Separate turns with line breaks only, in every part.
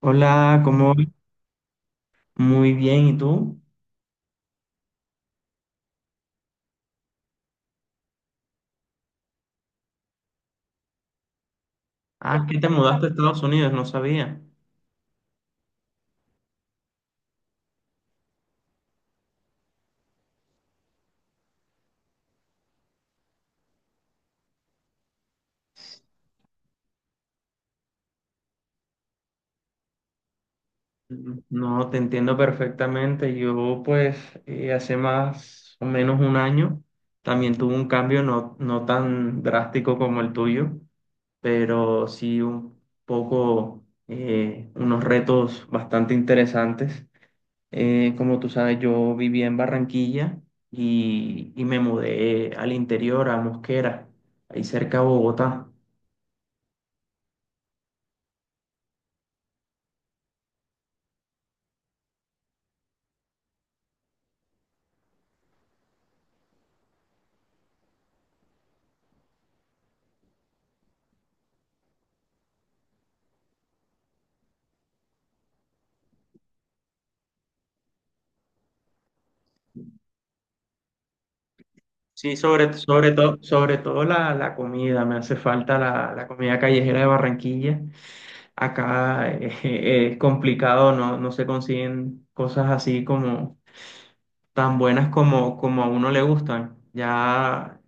Hola, ¿cómo vas? Muy bien, ¿y tú? Ah, es que te mudaste a Estados Unidos, no sabía. Ujú. No, te entiendo perfectamente. Yo, pues, hace más o menos un año también tuve un cambio no tan drástico como el tuyo, pero sí un poco, unos retos bastante interesantes. Como tú sabes, yo vivía en Barranquilla y me mudé al interior, a Mosquera, ahí cerca de Bogotá. Sí, sobre todo la comida, me hace falta la comida callejera de Barranquilla. Acá es complicado, no se consiguen cosas así como tan buenas como, como a uno le gustan. Ya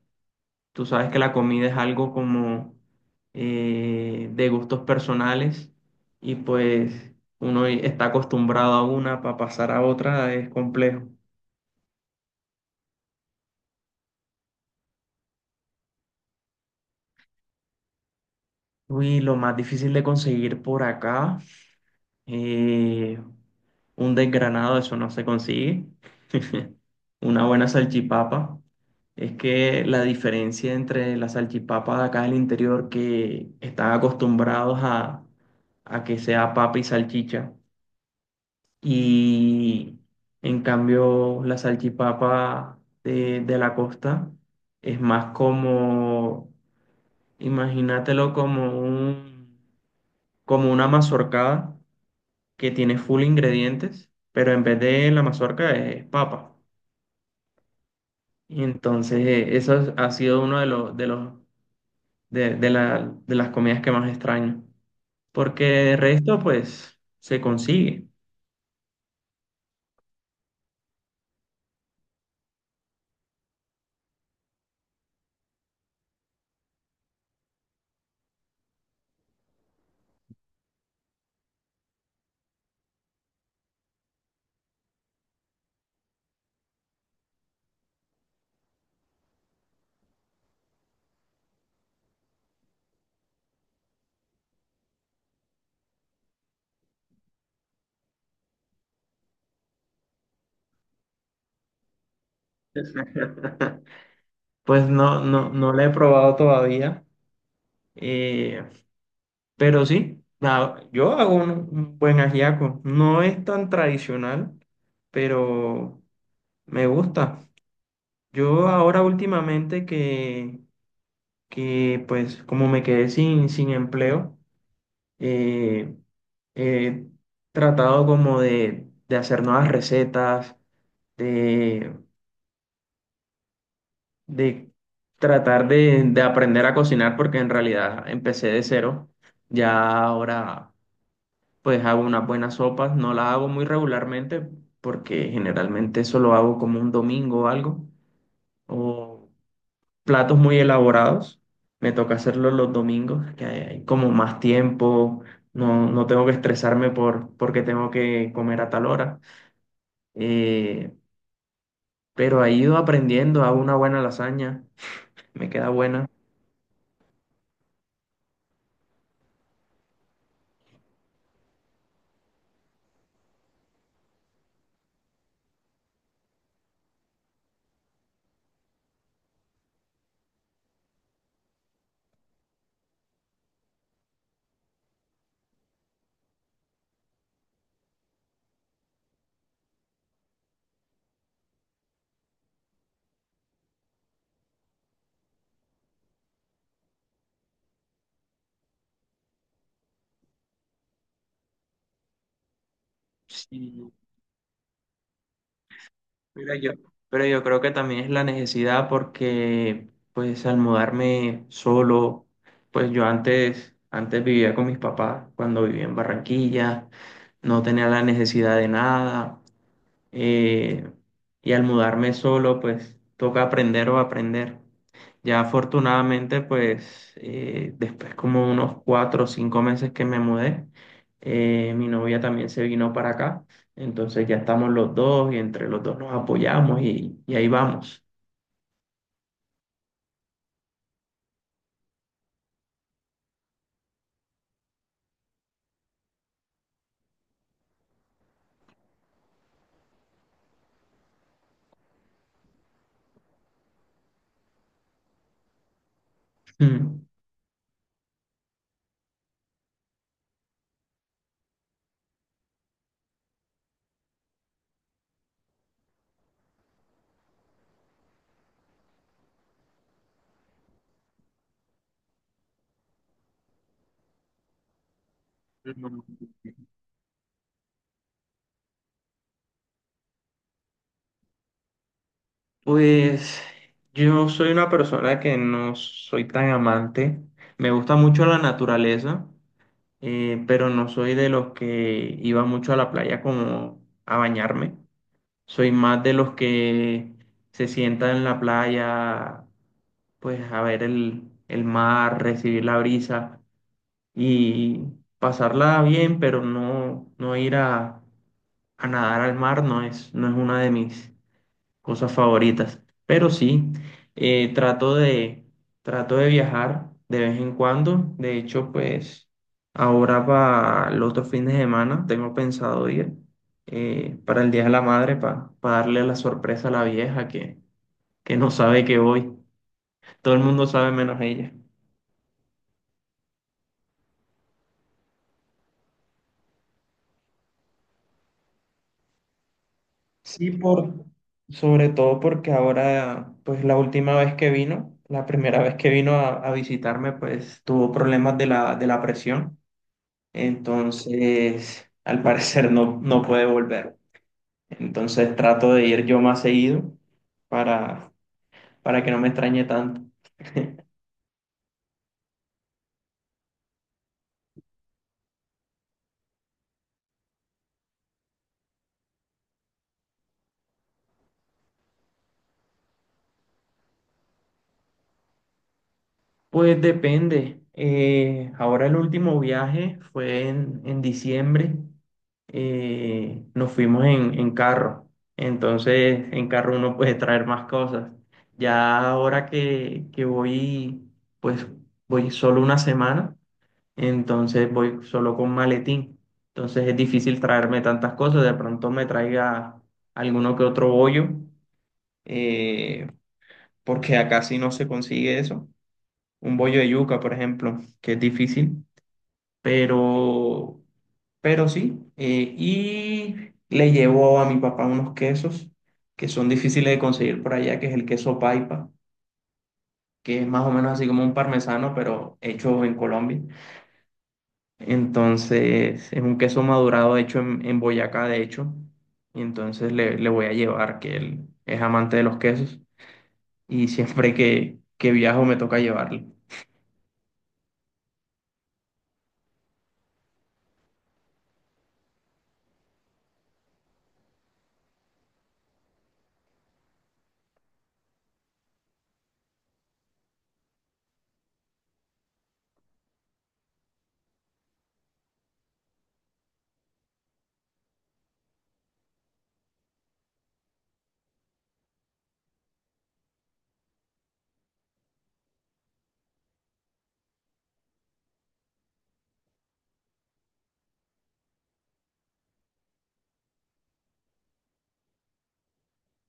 tú sabes que la comida es algo como de gustos personales y pues uno está acostumbrado a una para pasar a otra es complejo. Uy, lo más difícil de conseguir por acá. eh, un desgranado, eso no se consigue. Una buena salchipapa. Es que la diferencia entre la salchipapa de acá del interior, que están acostumbrados a que sea papa y salchicha, y en cambio la salchipapa de la costa es más como, imagínatelo como un, como una mazorcada que tiene full ingredientes, pero en vez de la mazorca es papa. Y entonces ha sido uno de de las comidas que más extraño, porque de resto pues se consigue. Pues no la he probado todavía, eh, pero sí, nada, yo hago un buen ajiaco. No es tan tradicional, pero me gusta. Yo ahora últimamente que pues como me quedé sin empleo, eh, he tratado como de hacer nuevas recetas, de, de tratar de aprender a cocinar, porque en realidad empecé de cero. Ya ahora pues hago unas buenas sopas, no las hago muy regularmente, porque generalmente eso lo hago como un domingo o algo, o platos muy elaborados. Me toca hacerlo los domingos, que hay como más tiempo, no tengo que estresarme porque tengo que comer a tal hora. Eh, pero he ido aprendiendo, hago una buena lasaña, me queda buena. Sí, pero yo, pero yo creo que también es la necesidad porque pues al mudarme solo, pues yo antes vivía con mis papás cuando vivía en Barranquilla no tenía la necesidad de nada. eh, y al mudarme solo, pues toca aprender o aprender. Ya afortunadamente, pues después como unos cuatro o cinco meses que me mudé, mi novia también se vino para acá. Entonces ya estamos los dos y entre los dos nos apoyamos y ahí vamos. Mm. Pues yo soy una persona que no soy tan amante. Me gusta mucho la naturaleza. Pero no soy de los que iba mucho a la playa como a bañarme. Soy más de los que se sientan en la playa, pues a ver el mar, recibir la brisa y pasarla bien, pero no ir a nadar al mar no es una de mis, cosas favoritas. Pero sí, eh, trato de, trato de viajar de vez en cuando. De hecho, pues ahora para los otros fines de semana tengo pensado ir para el Día de la Madre, para darle la sorpresa a la vieja que no sabe que voy. Todo el mundo sabe menos ella. Sí, por, sobre todo porque ahora, pues la última vez que vino, la primera vez que vino a visitarme, pues tuvo problemas de de la presión. Entonces, al parecer no puede volver. Entonces trato de ir yo más seguido para, para que no me extrañe tanto. Pues depende. Ahora el último viaje fue en diciembre. Nos fuimos en carro. Entonces, en carro uno puede traer más cosas. Ya ahora que voy, pues voy solo una semana entonces voy solo con maletín. Entonces es difícil traerme tantas cosas, de pronto me traiga alguno que otro bollo, eh, porque acá sí no se consigue eso. Un bollo de yuca, por ejemplo, que es difícil, pero, pero sí. Y le llevo a mi papá unos quesos que son difíciles de conseguir por allá, que es el queso paipa, que es más o menos así como un parmesano, pero hecho en Colombia. Entonces, es un queso madurado hecho en Boyacá, de hecho. Y entonces le voy a llevar, que él es amante de los quesos. Y siempre que viajo me toca llevarle.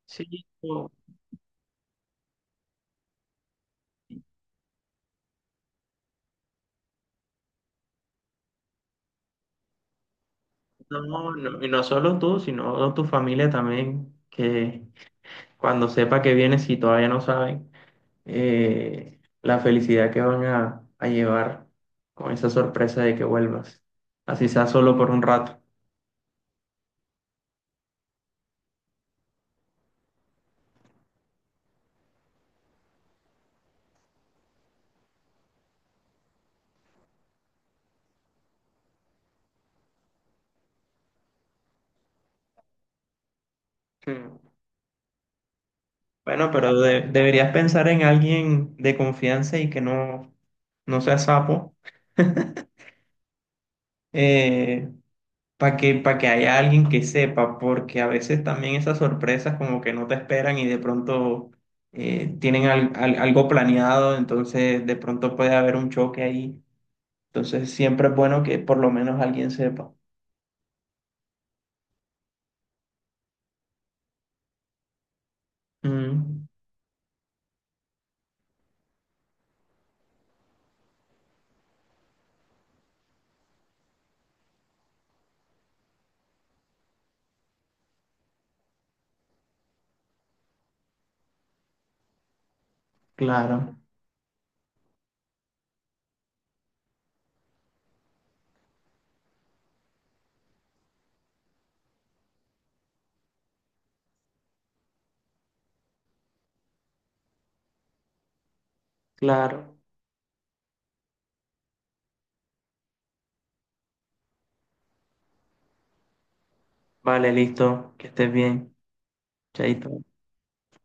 Sí, no, y no solo tú, sino tu familia también, que cuando sepa que vienes, si todavía no saben, la felicidad que van a llevar con esa sorpresa de que vuelvas. Así sea solo por un rato. Sí. Bueno, pero deberías pensar en alguien de confianza y que no sea sapo, para que haya alguien que sepa, porque a veces también esas sorpresas como que no te esperan y de pronto tienen algo planeado, entonces de pronto puede haber un choque ahí. Entonces siempre es bueno que por lo menos alguien sepa. Mm, claro, claro. Vale, listo, que estés bien. Chaito.